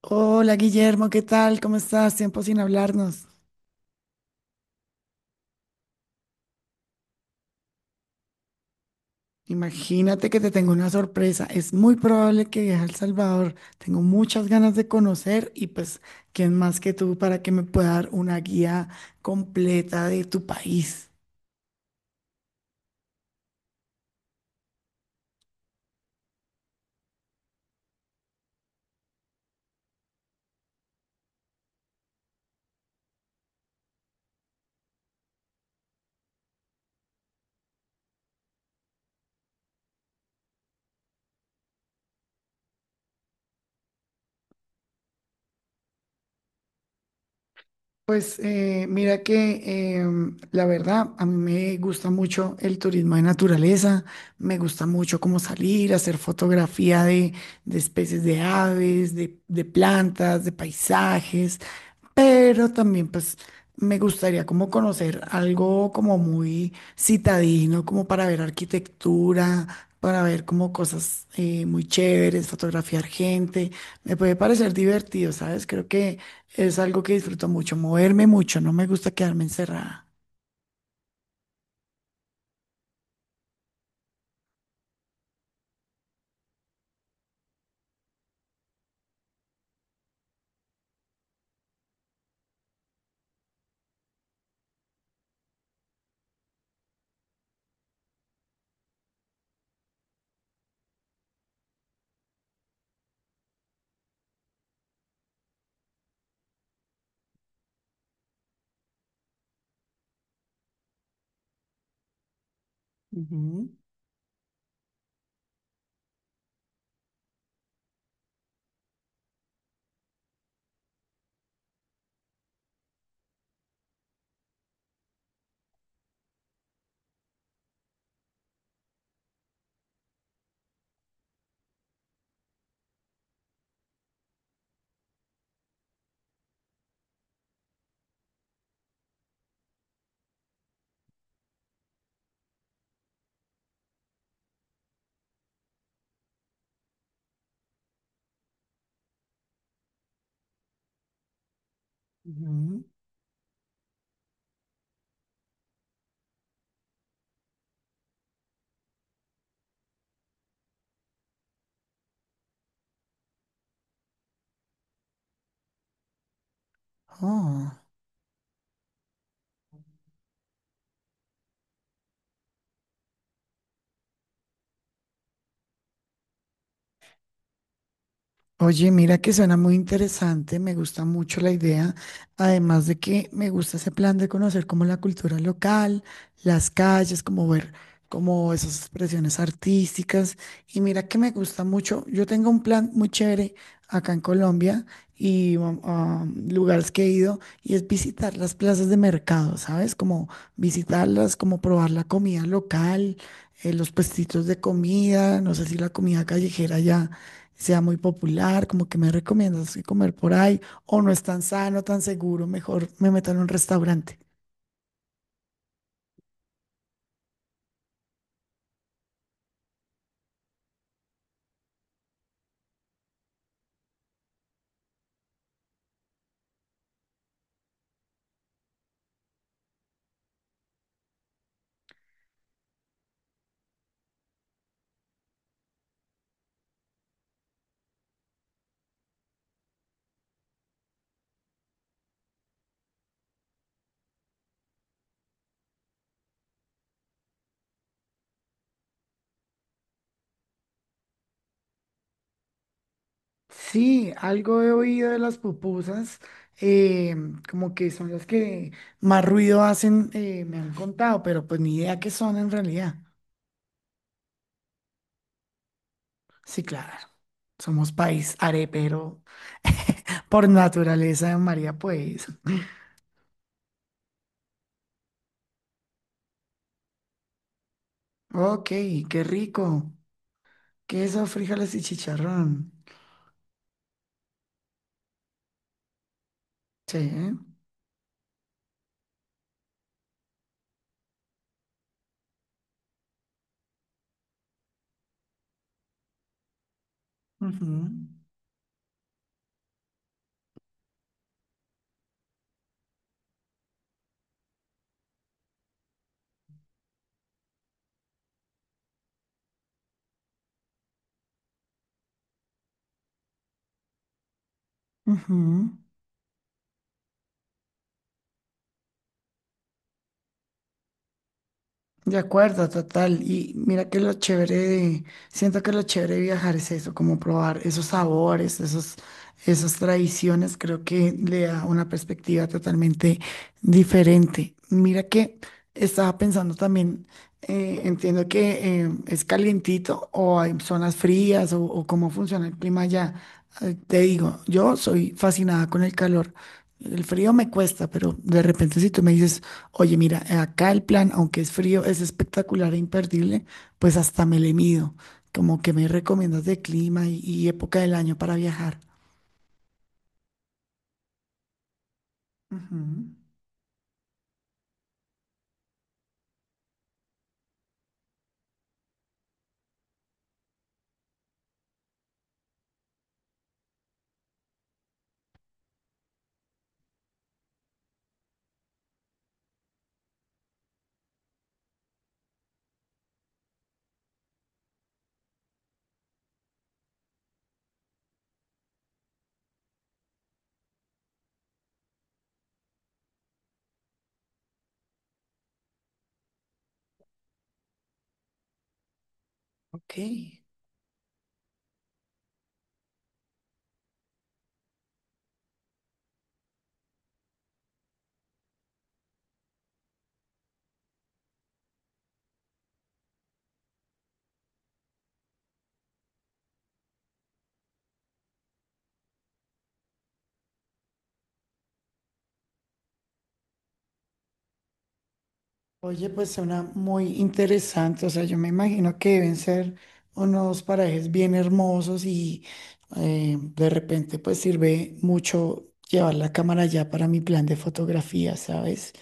Hola Guillermo, ¿qué tal? ¿Cómo estás? Tiempo sin hablarnos. Imagínate que te tengo una sorpresa. Es muy probable que viaje a El Salvador. Tengo muchas ganas de conocer y pues, ¿quién más que tú para que me pueda dar una guía completa de tu país? Pues mira que la verdad, a mí me gusta mucho el turismo de naturaleza, me gusta mucho como salir, hacer fotografía de especies de aves, de plantas, de paisajes, pero también pues me gustaría como conocer algo como muy citadino, como para ver arquitectura, para ver como cosas muy chéveres, fotografiar gente, me puede parecer divertido, ¿sabes? Creo que... Es algo que disfruto mucho, moverme mucho, no me gusta quedarme encerrada. Ujú, ujú. Oh. Oye, mira que suena muy interesante, me gusta mucho la idea, además de que me gusta ese plan de conocer como la cultura local, las calles, como ver como esas expresiones artísticas. Y mira que me gusta mucho, yo tengo un plan muy chévere acá en Colombia y a lugares que he ido y es visitar las plazas de mercado, ¿sabes? Como visitarlas, como probar la comida local, los puestitos de comida, no sé si la comida callejera ya sea muy popular, como que me recomiendas que comer por ahí, o no es tan sano, tan seguro, mejor me meto en un restaurante. Sí, algo he oído de las pupusas, eh, como que son las que más ruido hacen, me han contado, pero pues ni idea qué son en realidad. Sí, claro, somos país arepero por naturaleza, María, pues. Ok, qué rico. Queso, frijoles y chicharrón. Sí. Ujú. Ujú. De acuerdo, total. Y mira que lo chévere de- siento que lo chévere de viajar es eso, como probar esos sabores, esos, esas tradiciones, creo que le da una perspectiva totalmente diferente. Mira que estaba pensando también, entiendo que es calientito o hay zonas frías o cómo funciona el clima allá. Te digo, yo soy fascinada con el calor. El frío me cuesta, pero de repente si tú me dices, oye, mira, acá el plan, aunque es frío, es espectacular e imperdible, pues hasta me le mido. Como que me recomiendas de clima y época del año para viajar. Ujú. Ok. Oye, pues suena muy interesante. O sea, yo me imagino que deben ser unos parajes bien hermosos y de repente pues sirve mucho llevar la cámara ya para mi plan de fotografía, ¿sabes?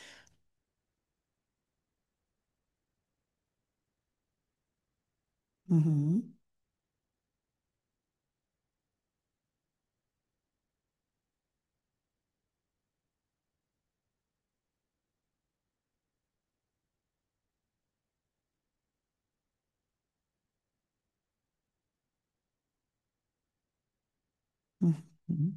Ujú, ujú.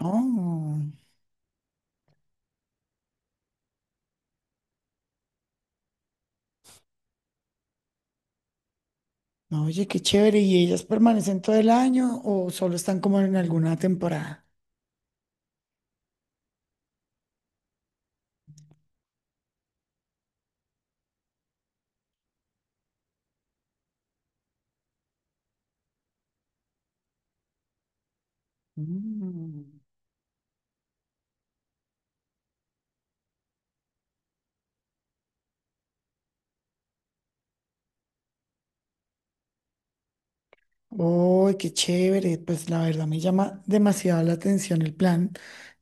Oh. No, oye, qué chévere. ¿Y ellas permanecen todo el año o solo están como en alguna temporada? Mm. Uy, qué chévere. Pues la verdad me llama demasiado la atención el plan.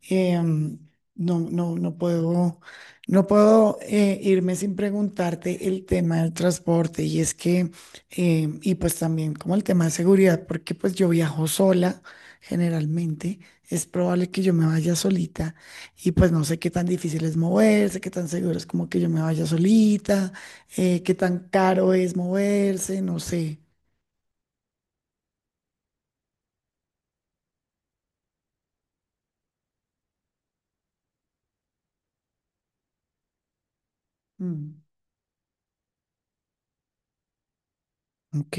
em, no, no puedo, no puedo irme sin preguntarte el tema del transporte y es que, y pues también como el tema de seguridad, porque pues yo viajo sola generalmente, es probable que yo me vaya solita y pues no sé qué tan difícil es moverse, qué tan seguro es como que yo me vaya solita, qué tan caro es moverse, no sé. Mm, ok.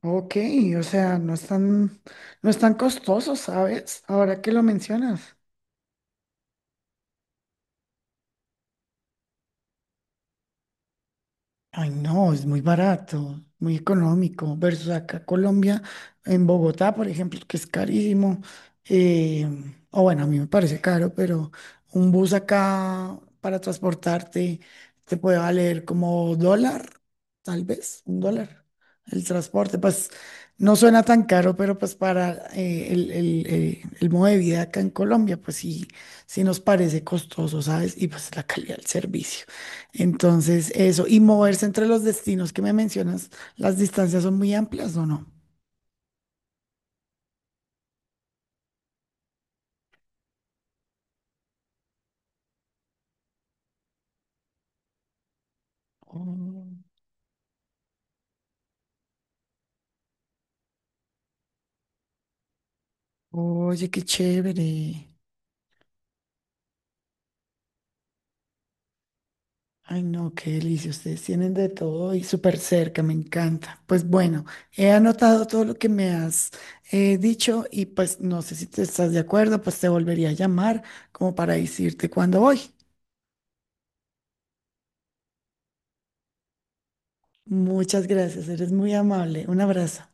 Ok, o sea, no están, no están costosos, ¿sabes? Ahora que lo mencionas. Ay, no, es muy barato, muy económico, versus acá Colombia, en Bogotá, por ejemplo, que es carísimo. eh, o bueno, a mí me parece caro, pero un bus acá para transportarte te puede valer como dólar, tal vez, un dólar. El transporte, pues no suena tan caro, pero pues para el modo de vida acá en Colombia, pues sí, sí nos parece costoso, ¿sabes? Y pues la calidad del servicio. Entonces, eso, y moverse entre los destinos que me mencionas, las distancias son muy amplias, ¿o no? Oh, oye, qué chévere. Ay, no, qué delicia. Ustedes tienen de todo y súper cerca, me encanta. Pues bueno, he anotado todo lo que me has dicho y pues no sé si te estás de acuerdo, pues te volvería a llamar como para decirte cuándo voy. Muchas gracias, eres muy amable. Un abrazo.